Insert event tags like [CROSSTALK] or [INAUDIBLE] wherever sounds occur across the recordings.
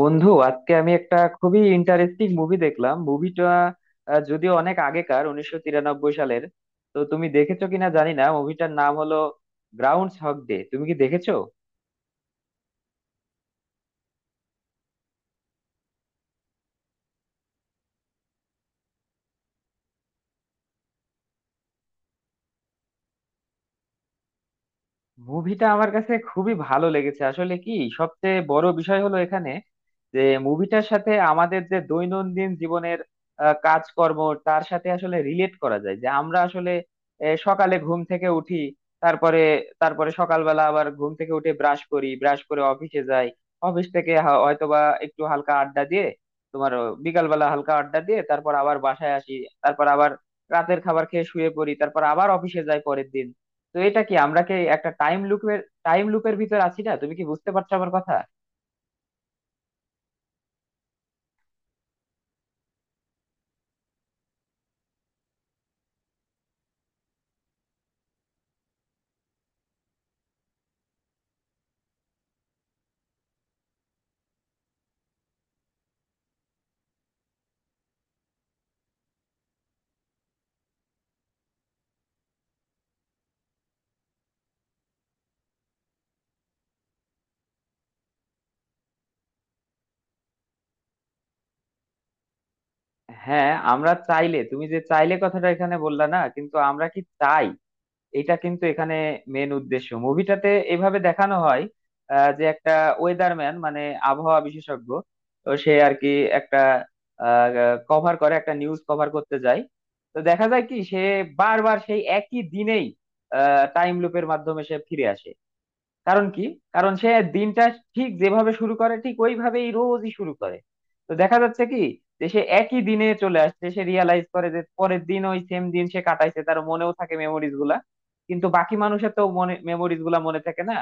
বন্ধু, আজকে আমি একটা খুবই ইন্টারেস্টিং মুভি দেখলাম। মুভিটা যদিও অনেক আগেকার, 1993 সালের। তো তুমি দেখেছো কিনা জানি না। মুভিটার নাম হলো গ্রাউন্ডস হক ডে। তুমি কি দেখেছো? মুভিটা আমার কাছে খুবই ভালো লেগেছে। আসলে কি, সবচেয়ে বড় বিষয় হলো এখানে যে মুভিটার সাথে আমাদের যে দৈনন্দিন জীবনের কাজকর্ম, তার সাথে আসলে রিলেট করা যায়, যে আমরা আসলে সকালে ঘুম থেকে উঠি, তারপরে তারপরে সকালবেলা আবার ঘুম থেকে উঠে ব্রাশ করি, ব্রাশ করে অফিসে যাই। অফিস থেকে হয়তোবা একটু হালকা আড্ডা দিয়ে, তোমার বিকালবেলা হালকা আড্ডা দিয়ে তারপর আবার বাসায় আসি। তারপর আবার রাতের খাবার খেয়ে শুয়ে পড়ি, তারপর আবার অফিসে যাই পরের দিন। তো এটা কি, আমরা কি একটা টাইম লুপের ভিতর আছি না? তুমি কি বুঝতে পারছো আমার কথা? হ্যাঁ, আমরা চাইলে। তুমি যে চাইলে কথাটা এখানে বললা না, কিন্তু আমরা কি চাই, এটা কিন্তু এখানে মেন উদ্দেশ্য। মুভিটাতে এভাবে দেখানো হয়, যে একটা ওয়েদারম্যান, মানে আবহাওয়া বিশেষজ্ঞ। তো সে আর কি একটা কভার করে, একটা নিউজ কভার করতে যায়। তো দেখা যায় কি, সে বারবার সেই একই দিনেই টাইম লুপের মাধ্যমে সে ফিরে আসে। কারণ কি? কারণ সে দিনটা ঠিক যেভাবে শুরু করে, ঠিক ওইভাবেই রোজই শুরু করে। তো দেখা যাচ্ছে কি, যে সে একই দিনে চলে আসছে, সে রিয়ালাইজ করে যে পরের দিন ওই সেম দিন সে কাটাইছে, তার মনেও থাকে মেমোরিজ গুলা। কিন্তু বাকি মানুষের তো মনে মেমোরিজ গুলা মনে থাকে না।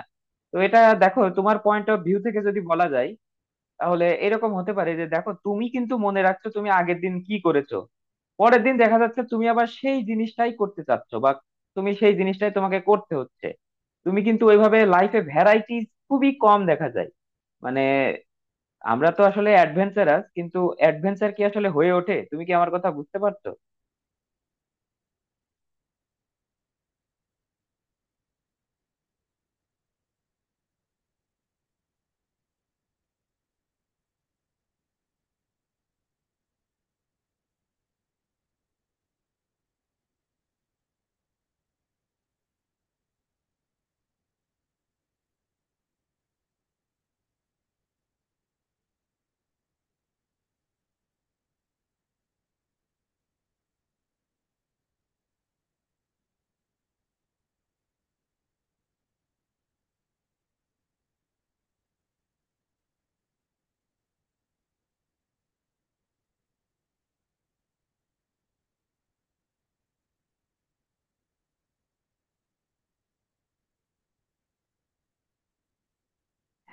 তো এটা দেখো, তোমার পয়েন্ট অফ ভিউ থেকে যদি বলা যায়, তাহলে এরকম হতে পারে যে দেখো, তুমি কিন্তু মনে রাখছো তুমি আগের দিন কি করেছো। পরের দিন দেখা যাচ্ছে তুমি আবার সেই জিনিসটাই করতে চাচ্ছ, বা তুমি সেই জিনিসটাই তোমাকে করতে হচ্ছে। তুমি কিন্তু ওইভাবে লাইফে ভ্যারাইটিস খুবই কম দেখা যায়। মানে আমরা তো আসলে অ্যাডভেঞ্চারাস, কিন্তু অ্যাডভেঞ্চার কি আসলে হয়ে ওঠে? তুমি কি আমার কথা বুঝতে পারছো?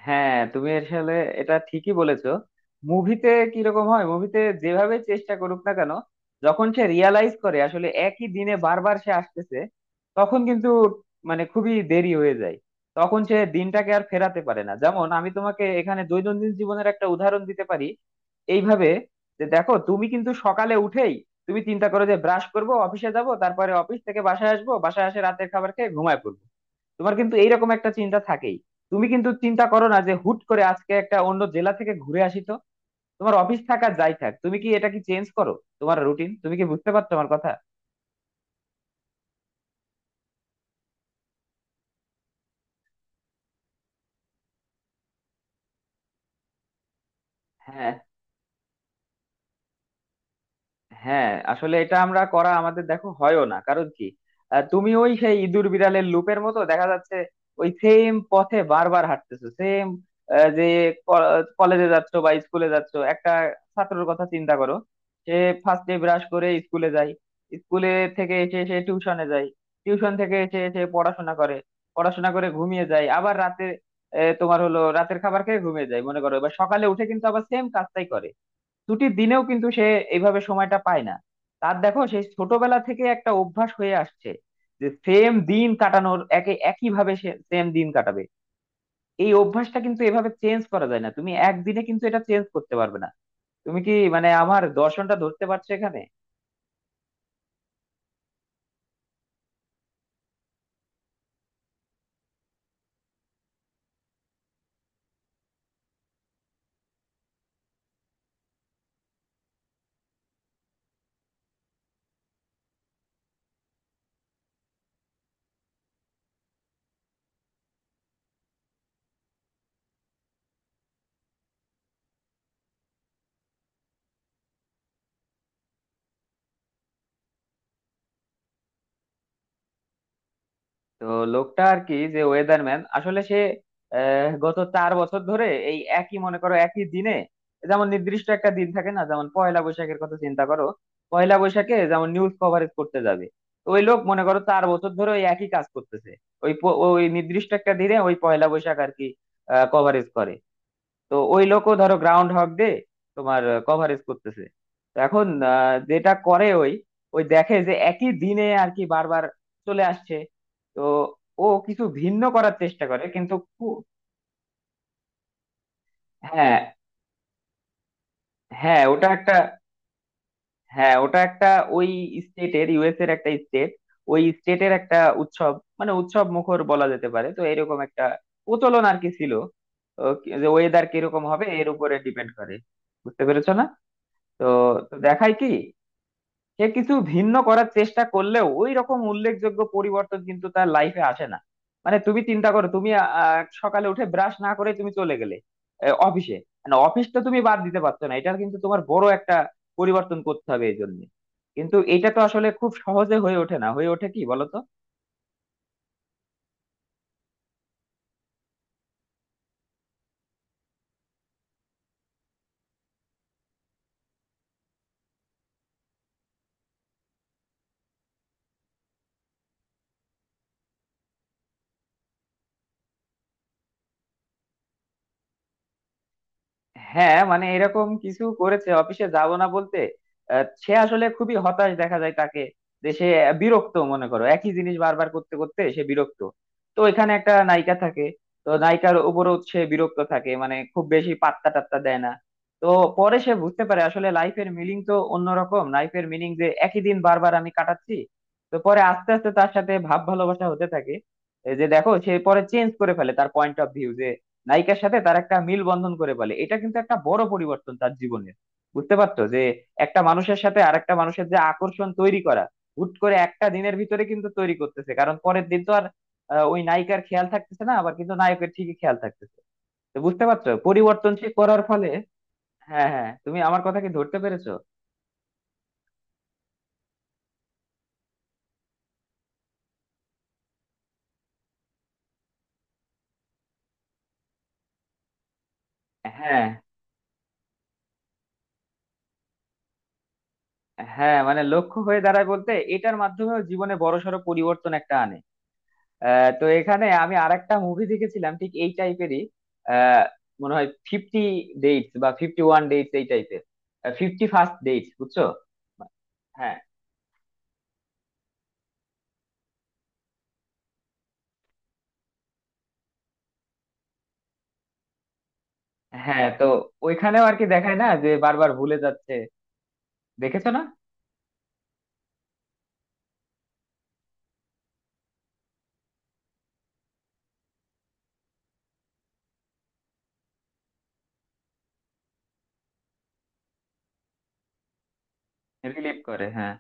হ্যাঁ, তুমি আসলে এটা ঠিকই বলেছো। মুভিতে কিরকম হয়, মুভিতে যেভাবে চেষ্টা করুক না কেন, যখন সে রিয়ালাইজ করে আসলে একই দিনে বারবার সে আসতেছে, তখন কিন্তু মানে খুবই দেরি হয়ে যায়। তখন সে দিনটাকে আর ফেরাতে পারে না। যেমন আমি তোমাকে এখানে দৈনন্দিন জীবনের একটা উদাহরণ দিতে পারি এইভাবে, যে দেখো, তুমি কিন্তু সকালে উঠেই তুমি চিন্তা করো যে ব্রাশ করব, অফিসে যাব, তারপরে অফিস থেকে বাসায় আসবো, বাসায় এসে রাতের খাবার খেয়ে ঘুমায় পড়বো। তোমার কিন্তু এইরকম একটা চিন্তা থাকেই। তুমি কিন্তু চিন্তা করো না যে হুট করে আজকে একটা অন্য জেলা থেকে ঘুরে আসি। তো তোমার অফিস থাকা যাই থাক, তুমি কি এটা কি চেঞ্জ করো তোমার রুটিন? তুমি কি বুঝতে পারছো আমার কথা? হ্যাঁ, হ্যাঁ, আসলে এটা আমরা করা আমাদের দেখো হয়ও না। কারণ কি, তুমি ওই সেই ইঁদুর বিড়ালের লুপের মতো দেখা যাচ্ছে। ওই সেম পথে বারবার হাঁটতেছো, সেম, যে কলেজে যাচ্ছ বা স্কুলে যাচ্ছ। একটা ছাত্রের কথা চিন্তা করো। সে ফার্স্টে ব্রাশ করে স্কুলে যায়, স্কুলে থেকে এসে সে টিউশনে যায়, টিউশন থেকে এসে সে পড়াশোনা করে, পড়াশোনা করে ঘুমিয়ে যায় আবার রাতে। তোমার হলো রাতের খাবার খেয়ে ঘুমিয়ে যায় মনে করো, এবার সকালে উঠে কিন্তু আবার সেম কাজটাই করে। ছুটির দিনেও কিন্তু সে এইভাবে সময়টা পায় না। তার দেখো, সেই ছোটবেলা থেকে একটা অভ্যাস হয়ে আসছে, যে সেম দিন কাটানোর, একে একই ভাবে সে সেম দিন কাটাবে। এই অভ্যাসটা কিন্তু এভাবে চেঞ্জ করা যায় না, তুমি একদিনে কিন্তু এটা চেঞ্জ করতে পারবে না। তুমি কি মানে আমার দর্শনটা ধরতে পারছো এখানে? তো লোকটা আর কি, যে ওয়েদারম্যান, আসলে সে গত 4 বছর ধরে এই একই মনে করো একই দিনে। যেমন নির্দিষ্ট একটা দিন থাকে না, যেমন পয়লা বৈশাখের কথা চিন্তা করো। পয়লা বৈশাখে যেমন নিউজ কভারেজ করতে যাবে। তো ওই লোক মনে করো 4 বছর ধরে ওই একই কাজ করতেছে, ওই নির্দিষ্ট একটা দিনে ওই পয়লা বৈশাখ আর কি কভারেজ করে। তো ওই লোকও ধরো গ্রাউন্ড হগ দিয়ে তোমার কভারেজ করতেছে। তো এখন যেটা করে ওই, ওই দেখে যে একই দিনে আর কি বারবার চলে আসছে। তো ও কিছু ভিন্ন করার চেষ্টা করে, কিন্তু. হ্যাঁ। হ্যাঁ, ওটা একটা। হ্যাঁ, ওটা একটা ওই স্টেটের, ইউএস এর একটা স্টেট, ওই স্টেটের একটা উৎসব, মানে উৎসব মুখর বলা যেতে পারে। তো এরকম একটা প্রচলন আর কি ছিল। তো যে ওয়েদার কিরকম হবে এর উপরে ডিপেন্ড করে। বুঝতে পেরেছো না? তো তো দেখায় কি, সে কিছু ভিন্ন করার চেষ্টা করলেও ওই রকম উল্লেখযোগ্য পরিবর্তন কিন্তু তার লাইফে আসে না। মানে তুমি চিন্তা করো, তুমি সকালে উঠে ব্রাশ না করে তুমি চলে গেলে অফিসে। মানে অফিসটা তুমি বাদ দিতে পারছো না, এটার কিন্তু তোমার বড় একটা পরিবর্তন করতে হবে এই জন্য। কিন্তু এটা তো আসলে খুব সহজে হয়ে ওঠে না, হয়ে ওঠে কি বলতো? হ্যাঁ, মানে এরকম কিছু করেছে, অফিসে যাব না বলতে সে আসলে খুবই হতাশ দেখা যায় তাকে। যে সে বিরক্ত, মনে করো একই জিনিস বারবার করতে করতে সে বিরক্ত। তো এখানে একটা নায়িকা থাকে, তো নায়িকার উপরও সে বিরক্ত থাকে, মানে খুব বেশি পাত্তা টাত্তা দেয় না। তো পরে সে বুঝতে পারে আসলে লাইফের মিনিং তো অন্যরকম, লাইফের মিনিং যে একই দিন বারবার আমি কাটাচ্ছি। তো পরে আস্তে আস্তে তার সাথে ভাব ভালোবাসা হতে থাকে। এই যে দেখো, সে পরে চেঞ্জ করে ফেলে তার পয়েন্ট অফ ভিউ। নায়িকার সাথে তার একটা মিল বন্ধন করে ফেলে, এটা কিন্তু একটা বড় পরিবর্তন তার জীবনে। বুঝতে পারতো যে একটা মানুষের সাথে আরেকটা মানুষের যে আকর্ষণ তৈরি করা, হুট করে একটা দিনের ভিতরে কিন্তু তৈরি করতেছে, কারণ পরের দিন তো আর ওই নায়িকার খেয়াল থাকতেছে না, আবার কিন্তু নায়কের ঠিকই খেয়াল থাকতেছে। তো বুঝতে পারছো পরিবর্তনশীল করার ফলে? হ্যাঁ, হ্যাঁ, তুমি আমার কথা কি ধরতে পেরেছো? হ্যাঁ, হ্যাঁ, মানে লক্ষ্য হয়ে দাঁড়ায় বলতে এটার মাধ্যমেও জীবনে বড়সড় পরিবর্তন একটা আনে। তো এখানে আমি আরেকটা মুভি দেখেছিলাম ঠিক এই টাইপেরই। মনে হয় ফিফটি ডেটস, বা ফিফটি ওয়ান ডেটস এই টাইপের। ফিফটি ফার্স্ট ডেটস, বুঝছো? হ্যাঁ, হ্যাঁ। তো ওইখানেও আর কি দেখায় না যে বারবার ভুলে যাচ্ছে, দেখেছো না? রিলেট করে, হ্যাঁ।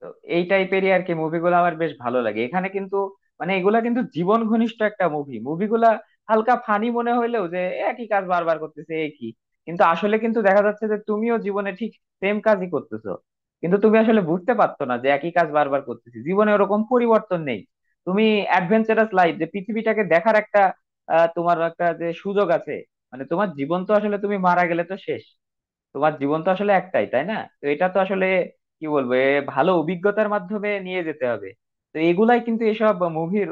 তো এই টাইপেরই আর কি মুভিগুলো আমার বেশ ভালো লাগে এখানে। কিন্তু মানে এগুলা কিন্তু জীবন ঘনিষ্ঠ একটা মুভি, মুভিগুলা হালকা ফানি মনে হইলেও, যে একই কাজ বারবার করতেছে একই, কিন্তু আসলে কিন্তু দেখা যাচ্ছে যে তুমিও জীবনে ঠিক সেম কাজই করতেছো। কিন্তু তুমি আসলে বুঝতে পারতো না যে একই কাজ বারবার করতেছি, জীবনে ওরকম পরিবর্তন নেই। তুমি অ্যাডভেঞ্চারাস লাইফ, যে পৃথিবীটাকে দেখার একটা তোমার একটা যে সুযোগ আছে। মানে তোমার জীবন তো আসলে তুমি মারা গেলে তো শেষ। তোমার জীবন তো আসলে একটাই, তাই না? তো এটা তো আসলে কি বলবো, এ ভালো অভিজ্ঞতার মাধ্যমে নিয়ে যেতে হবে। তো এগুলাই কিন্তু এসব মুভির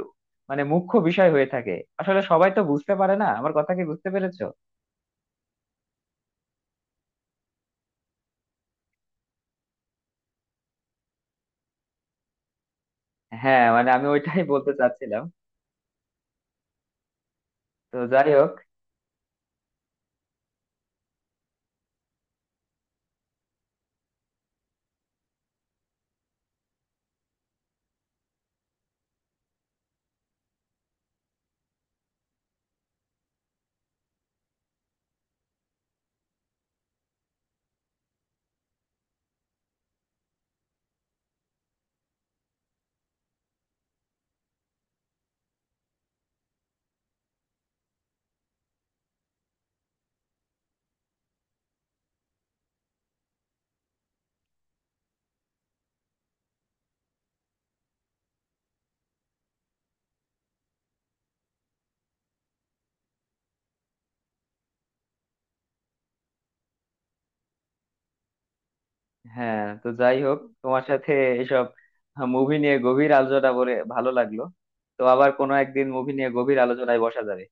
মানে মুখ্য বিষয় হয়ে থাকে। আসলে সবাই তো বুঝতে পারে না, আমার কথা কি বুঝতে পেরেছো? হ্যাঁ, মানে আমি ওইটাই [LAUGHS] বলতে চাচ্ছিলাম। তো যাই হোক, হ্যাঁ, তো যাই হোক, তোমার সাথে এসব মুভি নিয়ে গভীর আলোচনা বলে ভালো লাগলো। তো আবার কোনো একদিন মুভি নিয়ে গভীর আলোচনায় বসা যাবে।